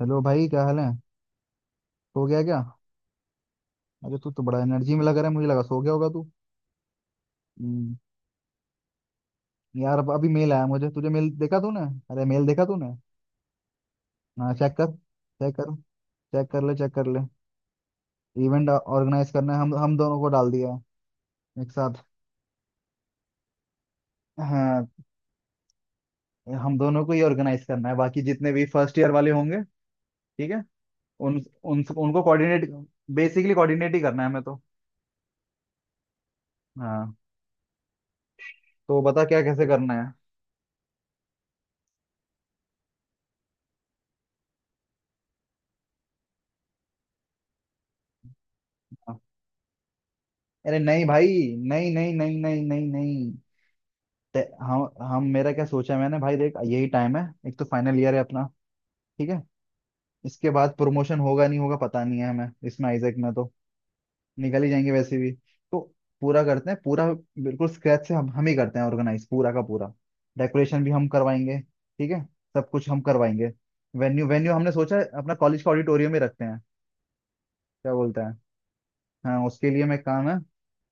Hello भाई, क्या हाल है। सो गया क्या। अरे तू तो बड़ा एनर्जी में लग रहा है, मुझे लगा सो गया होगा तू। हम्म, यार अब अभी मेल आया मुझे। तुझे मेल देखा तूने। अरे, मेल देखा तूने। हाँ, चेक कर चेक कर। चेक कर ले चेक कर ले। इवेंट ऑर्गेनाइज करना है, हम दोनों को डाल दिया है। एक साथ। हाँ। हम दोनों को ही ऑर्गेनाइज करना है, बाकी जितने भी फर्स्ट ईयर वाले होंगे। ठीक है। उन, उन उनको कोऑर्डिनेट। बेसिकली कोऑर्डिनेट ही करना है हमें तो। हाँ। तो बता क्या कैसे करना है। अरे नहीं भाई। नहीं, नहीं, नहीं, नहीं, नहीं, नहीं। हम मेरा क्या सोचा मैंने, भाई देख यही टाइम है। एक तो फाइनल ईयर है अपना। ठीक है। इसके बाद प्रमोशन होगा नहीं होगा पता नहीं है हमें, इसमें आइजैक में तो निकल ही जाएंगे वैसे भी। तो पूरा करते हैं, पूरा बिल्कुल स्क्रैच से हम ही करते हैं ऑर्गेनाइज पूरा का पूरा। डेकोरेशन भी हम करवाएंगे। ठीक है। सब कुछ हम करवाएंगे। वेन्यू वेन्यू हमने सोचा है अपना कॉलेज का ऑडिटोरियम ही रखते हैं। क्या बोलते हैं। हाँ, उसके लिए मैं काम है।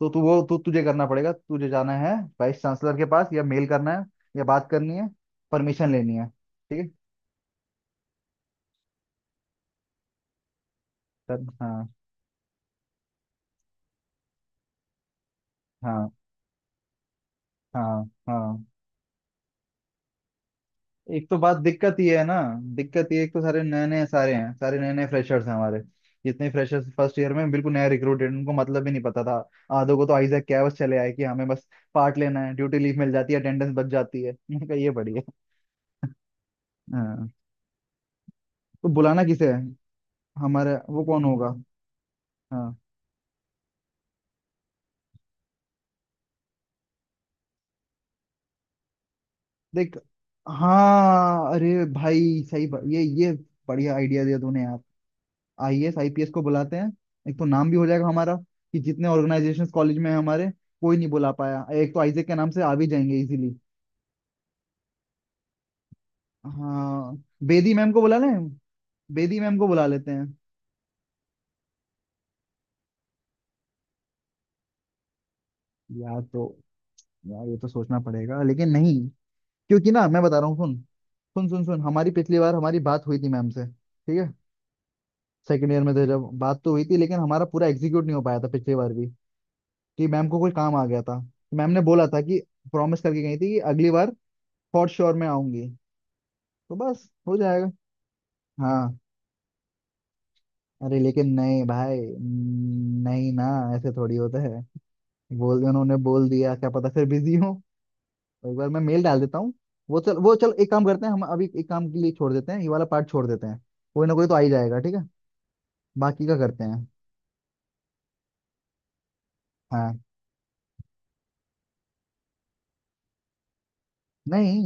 तो तू वो तू तुझे करना पड़ेगा, तुझे जाना है। वाइस चांसलर के पास, या मेल करना है। या बात करनी है। परमिशन लेनी है। ठीक है। तब हाँ। हाँ, हाँ, हाँ। एक तो बात दिक्कत ही है ना। दिक्कत ये एक तो सारे नए नए सारे नए नए फ्रेशर्स हैं हमारे। जितने फ्रेशर्स फर्स्ट ईयर में बिल्कुल नया रिक्रूटेड, उनको मतलब भी नहीं पता था। आधों को तो आइजैक क्या है, बस चले आए कि हमें बस पार्ट लेना है, ड्यूटी लीव मिल जाती है, अटेंडेंस बच जाती है। मैंने कहा ये बढ़िया। हाँ। तो बुलाना किसे है। हमारे वो कौन होगा। हाँ। देख। हाँ, अरे भाई सही ये बढ़िया आइडिया दिया तूने यार। आईएएस आईपीएस को बुलाते हैं। एक तो नाम भी हो जाएगा हमारा, कि जितने ऑर्गेनाइजेशंस कॉलेज में है हमारे, कोई नहीं बुला पाया। एक तो आइजेक के नाम से आ भी जाएंगे इजीली। हाँ। बेदी मैम को बुला लें। बेदी मैम को बुला लेते हैं। यार तो। यार ये तो सोचना पड़ेगा लेकिन नहीं। क्योंकि ना मैं बता रहा हूँ, सुन। सुन सुन सुन, हमारी पिछली बार हमारी बात हुई थी मैम से, ठीक है। सेकेंड ईयर में थे जब, बात तो हुई थी लेकिन हमारा पूरा एग्जीक्यूट नहीं हो पाया था पिछली बार भी। कि मैम को कोई काम आ गया था, तो मैम ने बोला था कि प्रॉमिस करके गई थी कि अगली बार फॉर श्योर मैं आऊंगी। तो बस हो जाएगा। हाँ। अरे लेकिन नहीं भाई नहीं ना। ऐसे थोड़ी होता है। बोल उन्होंने बोल दिया क्या पता फिर बिजी हो। तो एक बार मैं मेल डाल देता हूँ। वो चल एक काम करते हैं हम, अभी एक काम के लिए छोड़ देते हैं, ये वाला पार्ट छोड़ देते हैं। कोई ना कोई तो आ ही जाएगा, ठीक है। बाकी का करते हैं। हाँ। नहीं,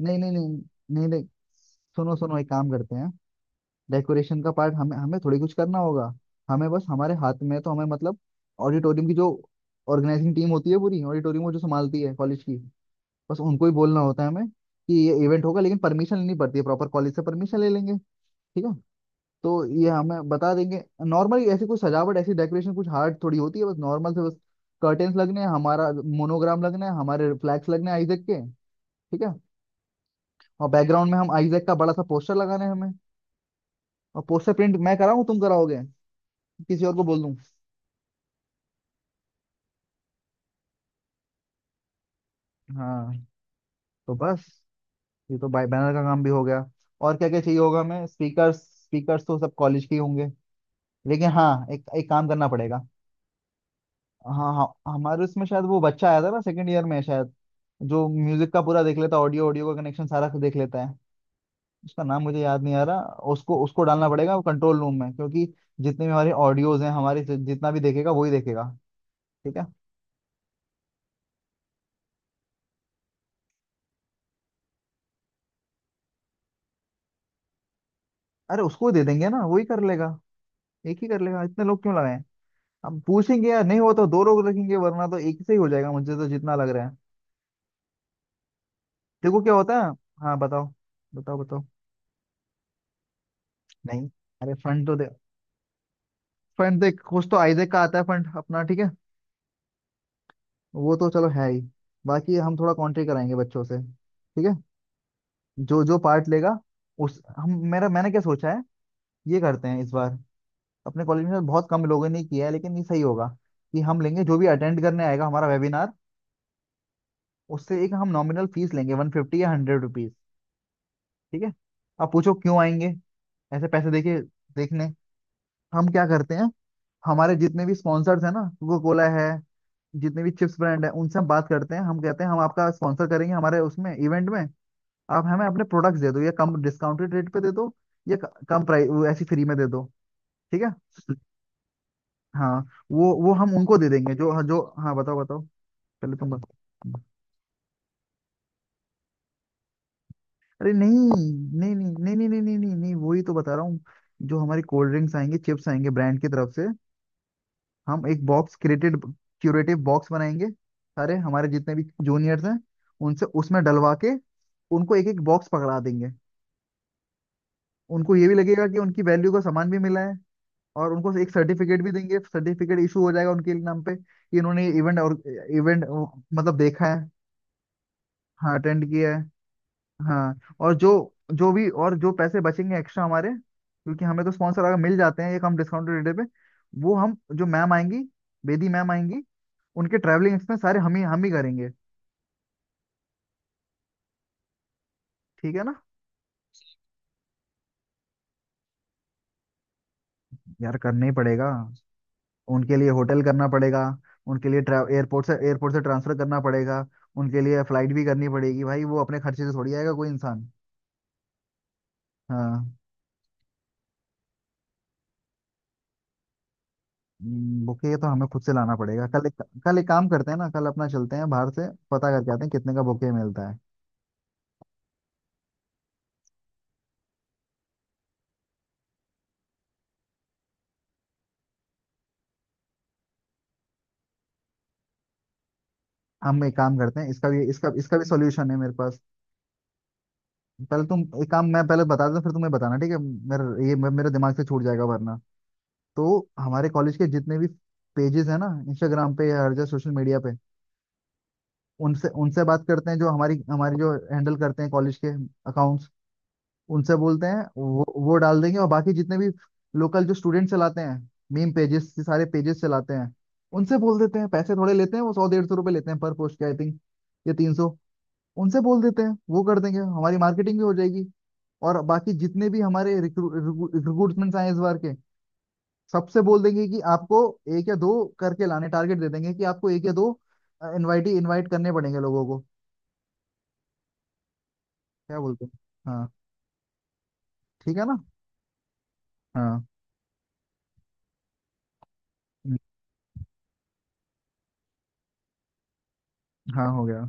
नहीं, नहीं, नहीं, नहीं, नहीं। सुनो सुनो, एक काम करते हैं। डेकोरेशन का पार्ट हमें हमें थोड़ी कुछ करना होगा। हमें बस हमारे हाथ में है, तो हमें मतलब ऑडिटोरियम की जो ऑर्गेनाइजिंग टीम होती है पूरी ऑडिटोरियम को जो संभालती है कॉलेज की, बस उनको ही बोलना होता है हमें कि ये इवेंट होगा। लेकिन परमिशन लेनी पड़ती है प्रॉपर, कॉलेज से परमिशन ले लेंगे। ठीक है। तो ये हमें बता देंगे नॉर्मली। ऐसी कुछ सजावट ऐसी डेकोरेशन कुछ हार्ड थोड़ी होती है, बस नॉर्मल से बस कर्टेन्स लगने हैं, हमारा मोनोग्राम लगना है, हमारे फ्लैग्स लगने हैं आइजैक के। ठीक है। और बैकग्राउंड में हम आइजैक का बड़ा सा पोस्टर लगाना है हमें। और पोस्टर प्रिंट मैं कराऊं तुम कराओगे। किसी और को बोल दूं। हाँ। तो बस ये तो बाय बैनर का काम भी हो गया। और क्या क्या चाहिए होगा हमें, स्पीकर्स। स्पीकर्स तो सब कॉलेज के ही होंगे। लेकिन हाँ, एक एक काम करना पड़ेगा। हाँ हाँ, हमारे उसमें शायद वो बच्चा आया था ना सेकंड ईयर में शायद, जो म्यूजिक का पूरा देख लेता है, ऑडियो ऑडियो का कनेक्शन सारा देख लेता है। उसका नाम मुझे याद नहीं आ रहा। उसको उसको डालना पड़ेगा वो कंट्रोल रूम में, क्योंकि जितने भी हमारे ऑडियोज हैं हमारे, जितना भी देखेगा वही देखेगा। ठीक है। अरे उसको दे देंगे ना, वही कर लेगा। एक ही कर लेगा, इतने लोग क्यों लगाए। हम पूछेंगे यार, नहीं हो तो दो लोग रखेंगे, वरना तो एक से ही हो जाएगा मुझे तो जितना लग रहा है। देखो क्या होता है। हाँ बताओ। बताओ बताओ। नहीं, अरे फंड तो दे। फंड देख, कुछ तो आइजेक का आता है फंड अपना, ठीक है। वो तो चलो है ही। बाकी हम थोड़ा कॉन्ट्री कराएंगे बच्चों से, ठीक है। जो जो पार्ट लेगा। उस हम मेरा मैंने क्या सोचा है। ये करते हैं इस बार। अपने कॉलेज में बहुत कम लोगों ने किया है लेकिन ये सही होगा, कि हम लेंगे जो भी अटेंड करने आएगा हमारा वेबिनार, उससे एक हम नॉमिनल फीस लेंगे, 150 या 100 रुपीज। ठीक है। आप पूछो क्यों आएंगे ऐसे पैसे देके देखने। हम क्या करते हैं, हमारे जितने भी स्पॉन्सर्स हैं ना, कोको कोला है, जितने भी चिप्स ब्रांड है, उनसे हम बात करते हैं, हम कहते हैं हम आपका स्पॉन्सर करेंगे हमारे उसमें इवेंट में, आप हमें अपने प्रोडक्ट्स दे दो, या कम डिस्काउंटेड रेट पे दे दो, या कम प्राइस ऐसी फ्री में दे दो। ठीक है। हाँ। वो हम उनको दे देंगे जो जो, हाँ बताओ बताओ। पहले तुम बताओ। अरे नहीं, नहीं, नहीं, नहीं, नहीं, नहीं, नहीं, नहीं, नहीं, वही तो बता रहा हूँ। जो हमारी कोल्ड ड्रिंक्स आएंगी, चिप्स आएंगे ब्रांड की तरफ से, हम एक बॉक्स क्रिएटेड क्यूरेटिव बॉक्स बनाएंगे। सारे हमारे जितने भी जूनियर्स हैं, उनसे उसमें डलवा के, उनको एक एक बॉक्स पकड़ा देंगे। उनको ये भी लगेगा कि उनकी वैल्यू का सामान भी मिला है। और उनको एक सर्टिफिकेट भी देंगे, सर्टिफिकेट इशू हो जाएगा उनके नाम पे कि इन्होंने इवेंट और इवेंट मतलब देखा है। हाँ अटेंड किया है। हाँ और जो जो भी, और जो पैसे बचेंगे एक्स्ट्रा हमारे, क्योंकि हमें तो स्पॉन्सर अगर मिल जाते हैं ये कम डिस्काउंटेड रेट पे, वो हम जो मैम आएंगी, बेदी मैम आएंगी, उनके ट्रैवलिंग एक्सपेंस सारे हम ही करेंगे। ठीक है ना। यार करना ही पड़ेगा। उनके लिए होटल करना पड़ेगा। उनके लिए एयरपोर्ट से ट्रांसफर करना पड़ेगा। उनके लिए फ्लाइट भी करनी पड़ेगी भाई, वो अपने खर्चे से थोड़ी आएगा कोई इंसान। हाँ। बुके तो हमें खुद से लाना पड़ेगा। कल एक काम करते हैं ना, कल अपना चलते हैं बाहर से पता करके आते हैं कितने का बुके मिलता है। हम एक काम करते हैं, इसका भी सॉल्यूशन है मेरे पास। पहले तुम एक काम, मैं पहले बता देता हूँ, फिर तुम्हें बताना, ठीक है। मेरा ये मेरे दिमाग से छूट जाएगा वरना। तो हमारे कॉलेज के जितने भी पेजेस हैं ना इंस्टाग्राम पे या हर जगह सोशल मीडिया पे, उनसे उनसे बात करते हैं, जो हमारी हमारी जो हैंडल करते हैं कॉलेज के अकाउंट्स, उनसे बोलते हैं, वो डाल देंगे। और बाकी जितने भी लोकल जो स्टूडेंट चलाते हैं, मीम पेजेस, सारे पेजेस चलाते हैं, उनसे बोल देते हैं। पैसे थोड़े लेते हैं वो, 100 150 रुपये लेते हैं पर पोस्ट के आई थिंक, या 300। उनसे बोल देते हैं, वो कर देंगे, हमारी मार्केटिंग भी हो जाएगी। और बाकी जितने भी हमारे रिक्रूटमेंट्स आए इस बार के, सबसे बोल देंगे कि आपको एक या दो करके लाने, टारगेट दे देंगे कि आपको एक या दो इनवाइटी इनवाइट करने पड़ेंगे लोगों को। क्या बोलते हैं। हाँ। ठीक है ना। हाँ। हम्म, हाँ हो गया।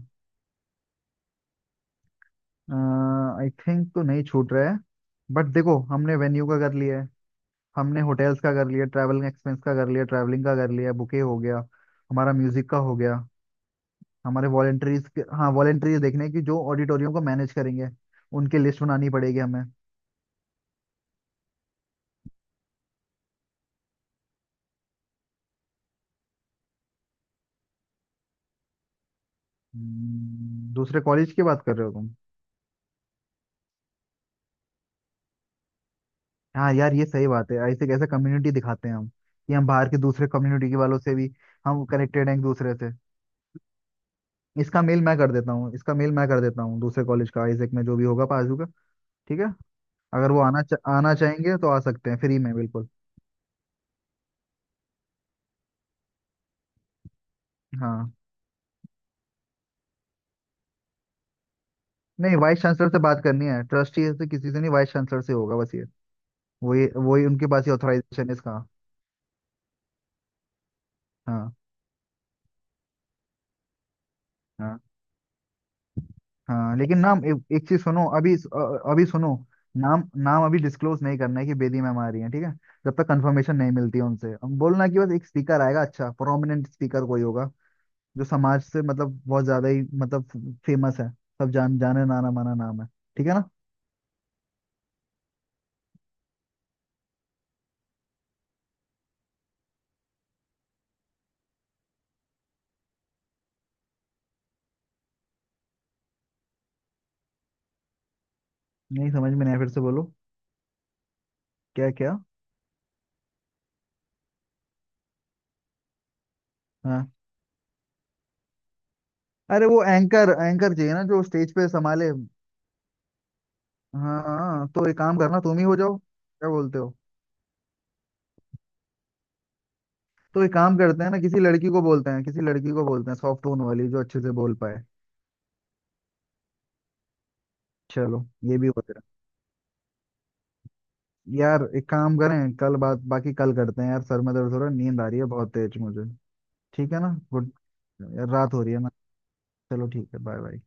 आई थिंक तो नहीं छूट रहा है। बट देखो, हमने वेन्यू का कर लिया है, हमने होटल्स का कर लिया, ट्रैवलिंग एक्सपेंस का कर लिया, ट्रैवलिंग का कर लिया, बुके हो गया, हमारा म्यूजिक का हो गया, हमारे वॉलेंटरीज, हाँ वॉलेंटरीज देखने की, जो ऑडिटोरियम को मैनेज करेंगे, उनकी लिस्ट बनानी पड़ेगी हमें। दूसरे कॉलेज की बात कर रहे हो तुम। हाँ यार, ये सही बात है, ऐसे कैसे कम्युनिटी दिखाते हैं हम, कि हम बाहर के दूसरे कम्युनिटी के वालों से भी हम कनेक्टेड हैं एक दूसरे से। इसका मेल मैं कर देता हूँ, इसका मेल मैं कर देता हूँ दूसरे कॉलेज का, आइजेक में जो भी होगा पाजू का। ठीक है। अगर वो आना चाहेंगे तो आ सकते हैं फ्री में बिल्कुल। हाँ। नहीं वाइस चांसलर से बात करनी है, ट्रस्टी से किसी से नहीं, वाइस चांसलर से होगा बस ये। वही वही उनके पास ही ऑथराइजेशन है इसका। हाँ, हाँ, हाँ। लेकिन एक चीज सुनो अभी, अभी सुनो। नाम नाम अभी डिस्क्लोज नहीं करना है कि बेदी मैम आ रही है, ठीक है। जब तक कंफर्मेशन नहीं मिलती है उनसे, हम बोलना कि बस एक स्पीकर आएगा, अच्छा प्रोमिनेंट स्पीकर कोई होगा, जो समाज से मतलब बहुत ज्यादा ही मतलब फेमस है, सब जान जाने नाना माना नाम है। ठीक है ना। नहीं समझ में नहीं आया, फिर से बोलो। क्या क्या। हाँ, अरे वो एंकर एंकर चाहिए ना जो स्टेज पे संभाले। हाँ हाँ, तो एक काम करना तुम ही हो जाओ, क्या बोलते हो। तो एक काम करते हैं ना, किसी लड़की को बोलते हैं, किसी लड़की को बोलते हैं सॉफ्ट टोन वाली जो अच्छे से बोल पाए। चलो, ये भी हो जाएगा। यार एक काम करें, कल बात, बाकी कल करते हैं यार, सर में दर्द हो रहा है, नींद आ रही है बहुत तेज मुझे। ठीक है ना, गुड। यार रात हो रही है ना। चलो ठीक है, बाय बाय।